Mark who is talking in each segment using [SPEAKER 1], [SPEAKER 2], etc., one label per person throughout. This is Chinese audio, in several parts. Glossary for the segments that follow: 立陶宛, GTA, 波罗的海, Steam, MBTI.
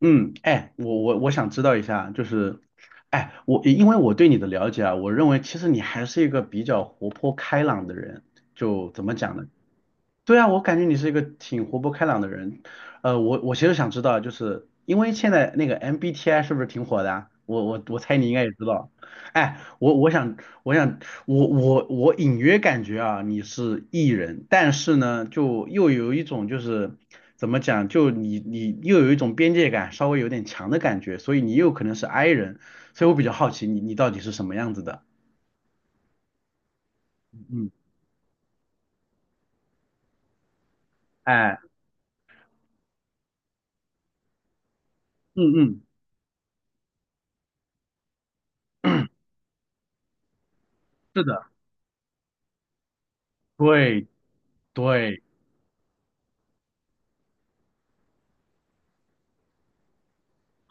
[SPEAKER 1] 嗯，哎，我想知道一下，就是，哎，因为我对你的了解啊，我认为其实你还是一个比较活泼开朗的人，就怎么讲呢？对啊，我感觉你是一个挺活泼开朗的人。我其实想知道，就是因为现在那个 MBTI 是不是挺火的啊？我猜你应该也知道。哎，我我想我想我我我隐约感觉啊，你是 E 人，但是呢，就又有一种就是怎么讲，就你又有一种边界感稍微有点强的感觉，所以你又可能是 I 人，所以我比较好奇你到底是什么样子的。嗯，哎，嗯嗯，是的，对。对，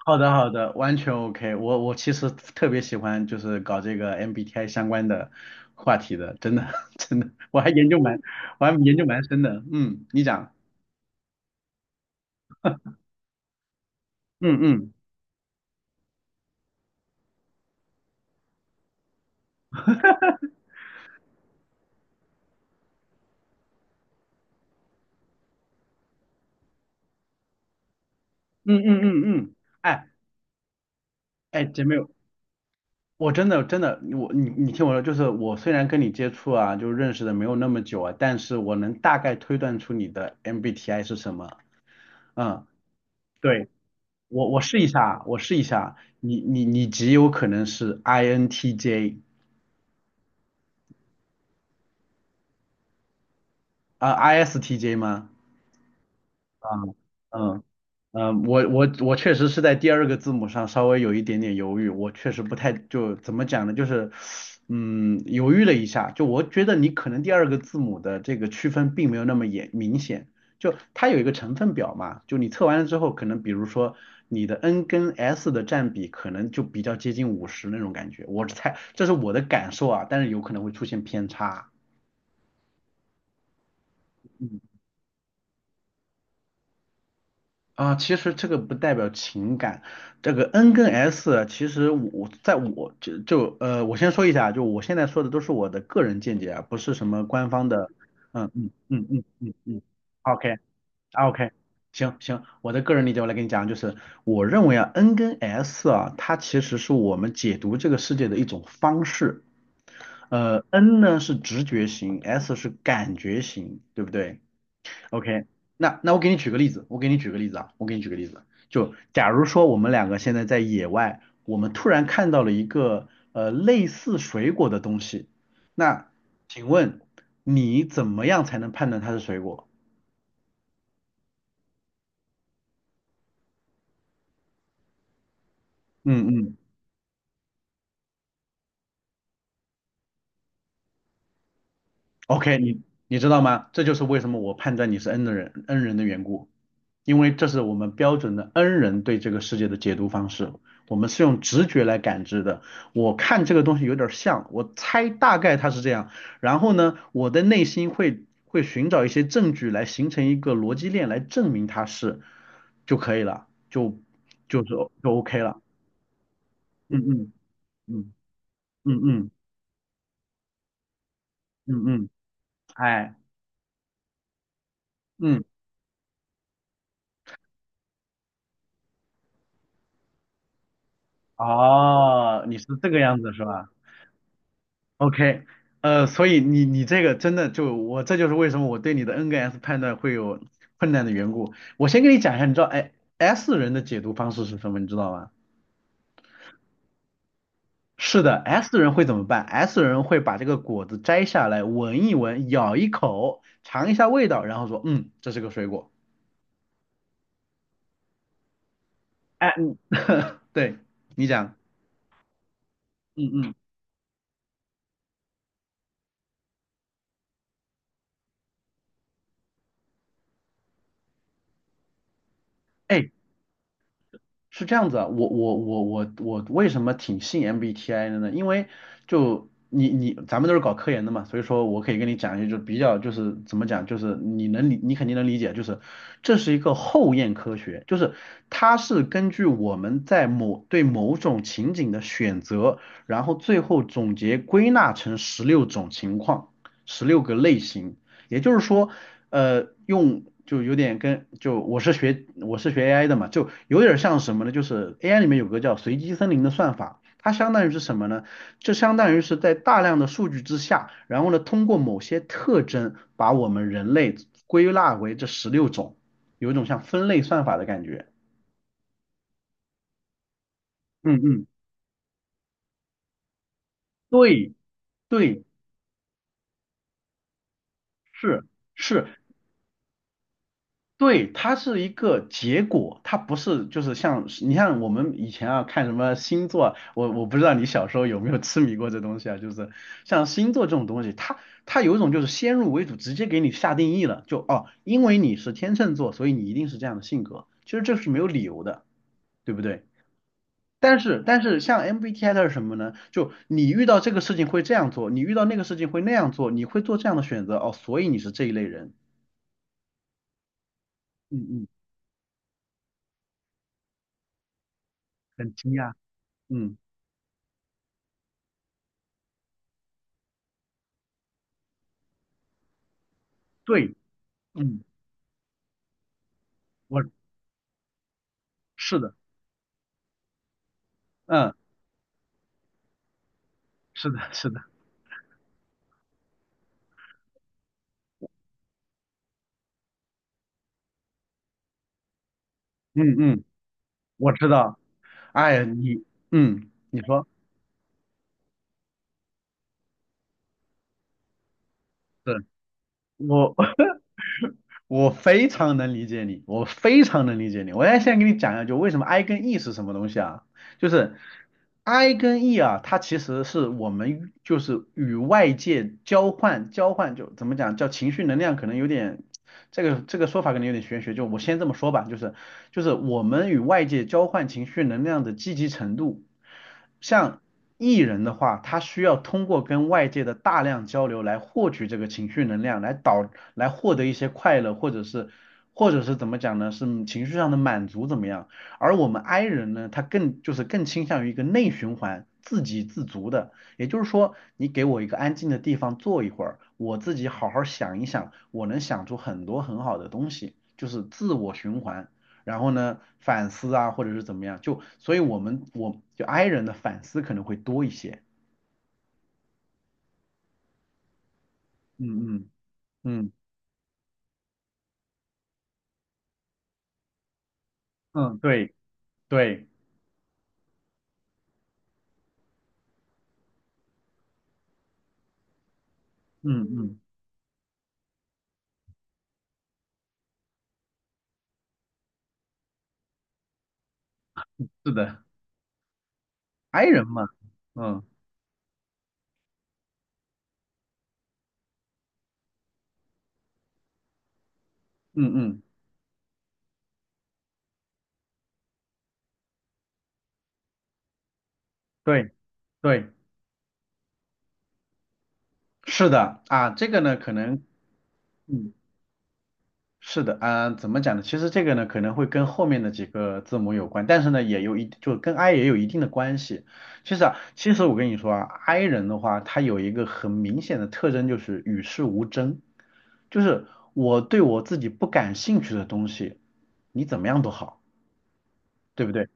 [SPEAKER 1] 好的，好的，完全 OK。 我。我其实特别喜欢就是搞这个 MBTI 相关的话题的，真的 真的，我还研究蛮深的。嗯，你讲。嗯嗯嗯嗯嗯嗯，哎，哎，姐妹，我真的真的，你听我说，就是我虽然跟你接触啊，就认识的没有那么久啊，但是我能大概推断出你的 MBTI 是什么。嗯，对，我试一下啊，我试一下啊，你极有可能是 INTJ。啊，ISTJ 吗？啊，嗯嗯，我确实是在第二个字母上稍微有一点点犹豫，我确实不太就怎么讲呢，就是犹豫了一下，就我觉得你可能第二个字母的这个区分并没有那么严明显，就它有一个成分表嘛，就你测完了之后，可能比如说你的 N 跟 S 的占比可能就比较接近50那种感觉，我猜这是我的感受啊，但是有可能会出现偏差，嗯其实这个不代表情感，这个 N 跟 S，啊其实我在我就就呃，我先说一下，就我现在说的都是我的个人见解啊，不是什么官方的，嗯嗯嗯嗯嗯嗯，OK。 啊， OK，行行，我的个人理解我来跟你讲，就是我认为啊，N 跟 S 啊，它其实是我们解读这个世界的一种方式，N 呢是直觉型，S 是感觉型，对不对？OK，那我给你举个例子，我给你举个例子啊，我给你举个例子，就假如说我们两个现在在野外，我们突然看到了一个类似水果的东西，那请问你怎么样才能判断它是水果？嗯嗯。OK，你知道吗？这就是为什么我判断你是 N 的人，N 人的缘故，因为这是我们标准的 N 人对这个世界的解读方式，我们是用直觉来感知的。我看这个东西有点像，我猜大概它是这样，然后呢，我的内心会寻找一些证据来形成一个逻辑链来证明它是就可以了，就是就 OK 了。嗯嗯嗯嗯嗯嗯嗯，哎，嗯，哦，你是这个样子是吧？OK，所以你这个真的就我这就是为什么我对你的 N 跟 S 判断会有困难的缘故。我先跟你讲一下，你知道哎 S 人的解读方式是什么，你知道吗？是的，S 人会怎么办？S 人会把这个果子摘下来，闻一闻，咬一口，尝一下味道，然后说，嗯，这是个水果。哎，嗯 对，你讲，嗯嗯，哎，是这样子啊，我为什么挺信 MBTI 的呢？因为就咱们都是搞科研的嘛，所以说我可以跟你讲一些就比较就是怎么讲，就是你肯定能理解，就是这是一个后验科学，就是它是根据我们在某种情景的选择，然后最后总结归纳成十六种情况，十六个类型，也就是说，用就有点跟就我是学 AI 的嘛，就有点像什么呢？就是 AI 里面有个叫随机森林的算法，它相当于是什么呢？就相当于是在大量的数据之下，然后呢，通过某些特征把我们人类归纳为这十六种，有一种像分类算法的感觉。嗯嗯，对对，是是，对，它是一个结果，它不是就是像我们以前啊看什么星座啊我不知道你小时候有没有痴迷过这东西啊，就是像星座这种东西，它有一种就是先入为主，直接给你下定义了，就哦，因为你是天秤座，所以你一定是这样的性格，其实这是没有理由的，对不对？但是像 MBTI 它是什么呢？就你遇到这个事情会这样做，你遇到那个事情会那样做，你会做这样的选择哦，所以你是这一类人，嗯嗯，很惊讶，嗯。对，嗯，我是的，嗯，是的，是的，嗯嗯，我知道。哎呀，你，嗯，你说，对，我，我非常能理解你，我非常能理解你。我现在给你讲一下，就为什么 I 跟 E 是什么东西啊？就是 I 跟 E 啊，它其实是我们与就是与外界交换，就怎么讲，叫情绪能量，可能有点。这个说法可能有点玄学，就我先这么说吧，就是我们与外界交换情绪能量的积极程度，像 E 人的话，他需要通过跟外界的大量交流来获取这个情绪能量，来获得一些快乐，或者是怎么讲呢？是情绪上的满足怎么样？而我们 I 人呢，他更就是更倾向于一个内循环，自给自足的。也就是说，你给我一个安静的地方坐一会儿，我自己好好想一想，我能想出很多很好的东西，就是自我循环。然后呢，反思啊，或者是怎么样，就所以我们我就 I 人的反思可能会多一些。嗯嗯嗯嗯，对对，嗯嗯，是的，I 人嘛，嗯嗯嗯，对对，是的啊，这个呢可能。嗯。是的，啊、怎么讲呢？其实这个呢，可能会跟后面的几个字母有关，但是呢，也有一就跟 I 也有一定的关系。其实啊，其实我跟你说啊，I 人的话，他有一个很明显的特征就是与世无争，就是我对我自己不感兴趣的东西，你怎么样都好，对不对？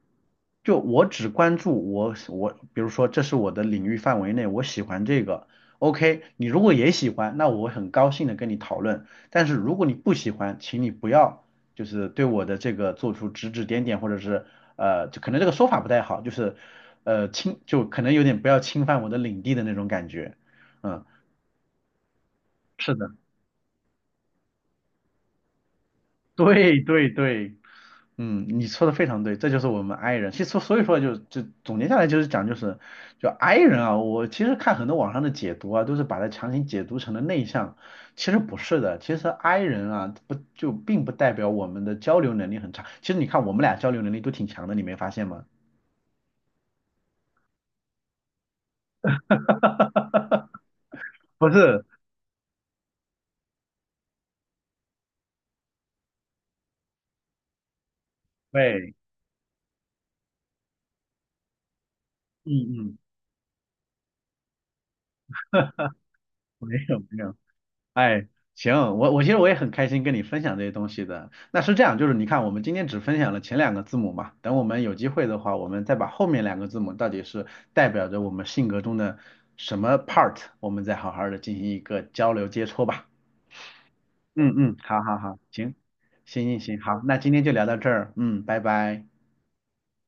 [SPEAKER 1] 就我只关注我，比如说这是我的领域范围内，我喜欢这个，OK，你如果也喜欢，那我很高兴的跟你讨论。但是如果你不喜欢，请你不要就是对我的这个做出指指点点，或者是就可能这个说法不太好，就是就可能有点不要侵犯我的领地的那种感觉。嗯，是的。对对对，嗯，你说的非常对，这就是我们 i 人。其实所以说就总结下来就是讲就是就 i 人啊，我其实看很多网上的解读啊，都是把它强行解读成了内向，其实不是的。其实 i 人啊，不就并不代表我们的交流能力很差。其实你看我们俩交流能力都挺强的，你没发现吗？不是，对，嗯嗯，没有没有。哎，行，我其实我也很开心跟你分享这些东西的。那是这样，就是你看，我们今天只分享了前两个字母嘛，等我们有机会的话，我们再把后面两个字母到底是代表着我们性格中的什么 part，我们再好好的进行一个交流接触吧。嗯嗯，好好好，行，行行行，好，那今天就聊到这儿，嗯，拜拜。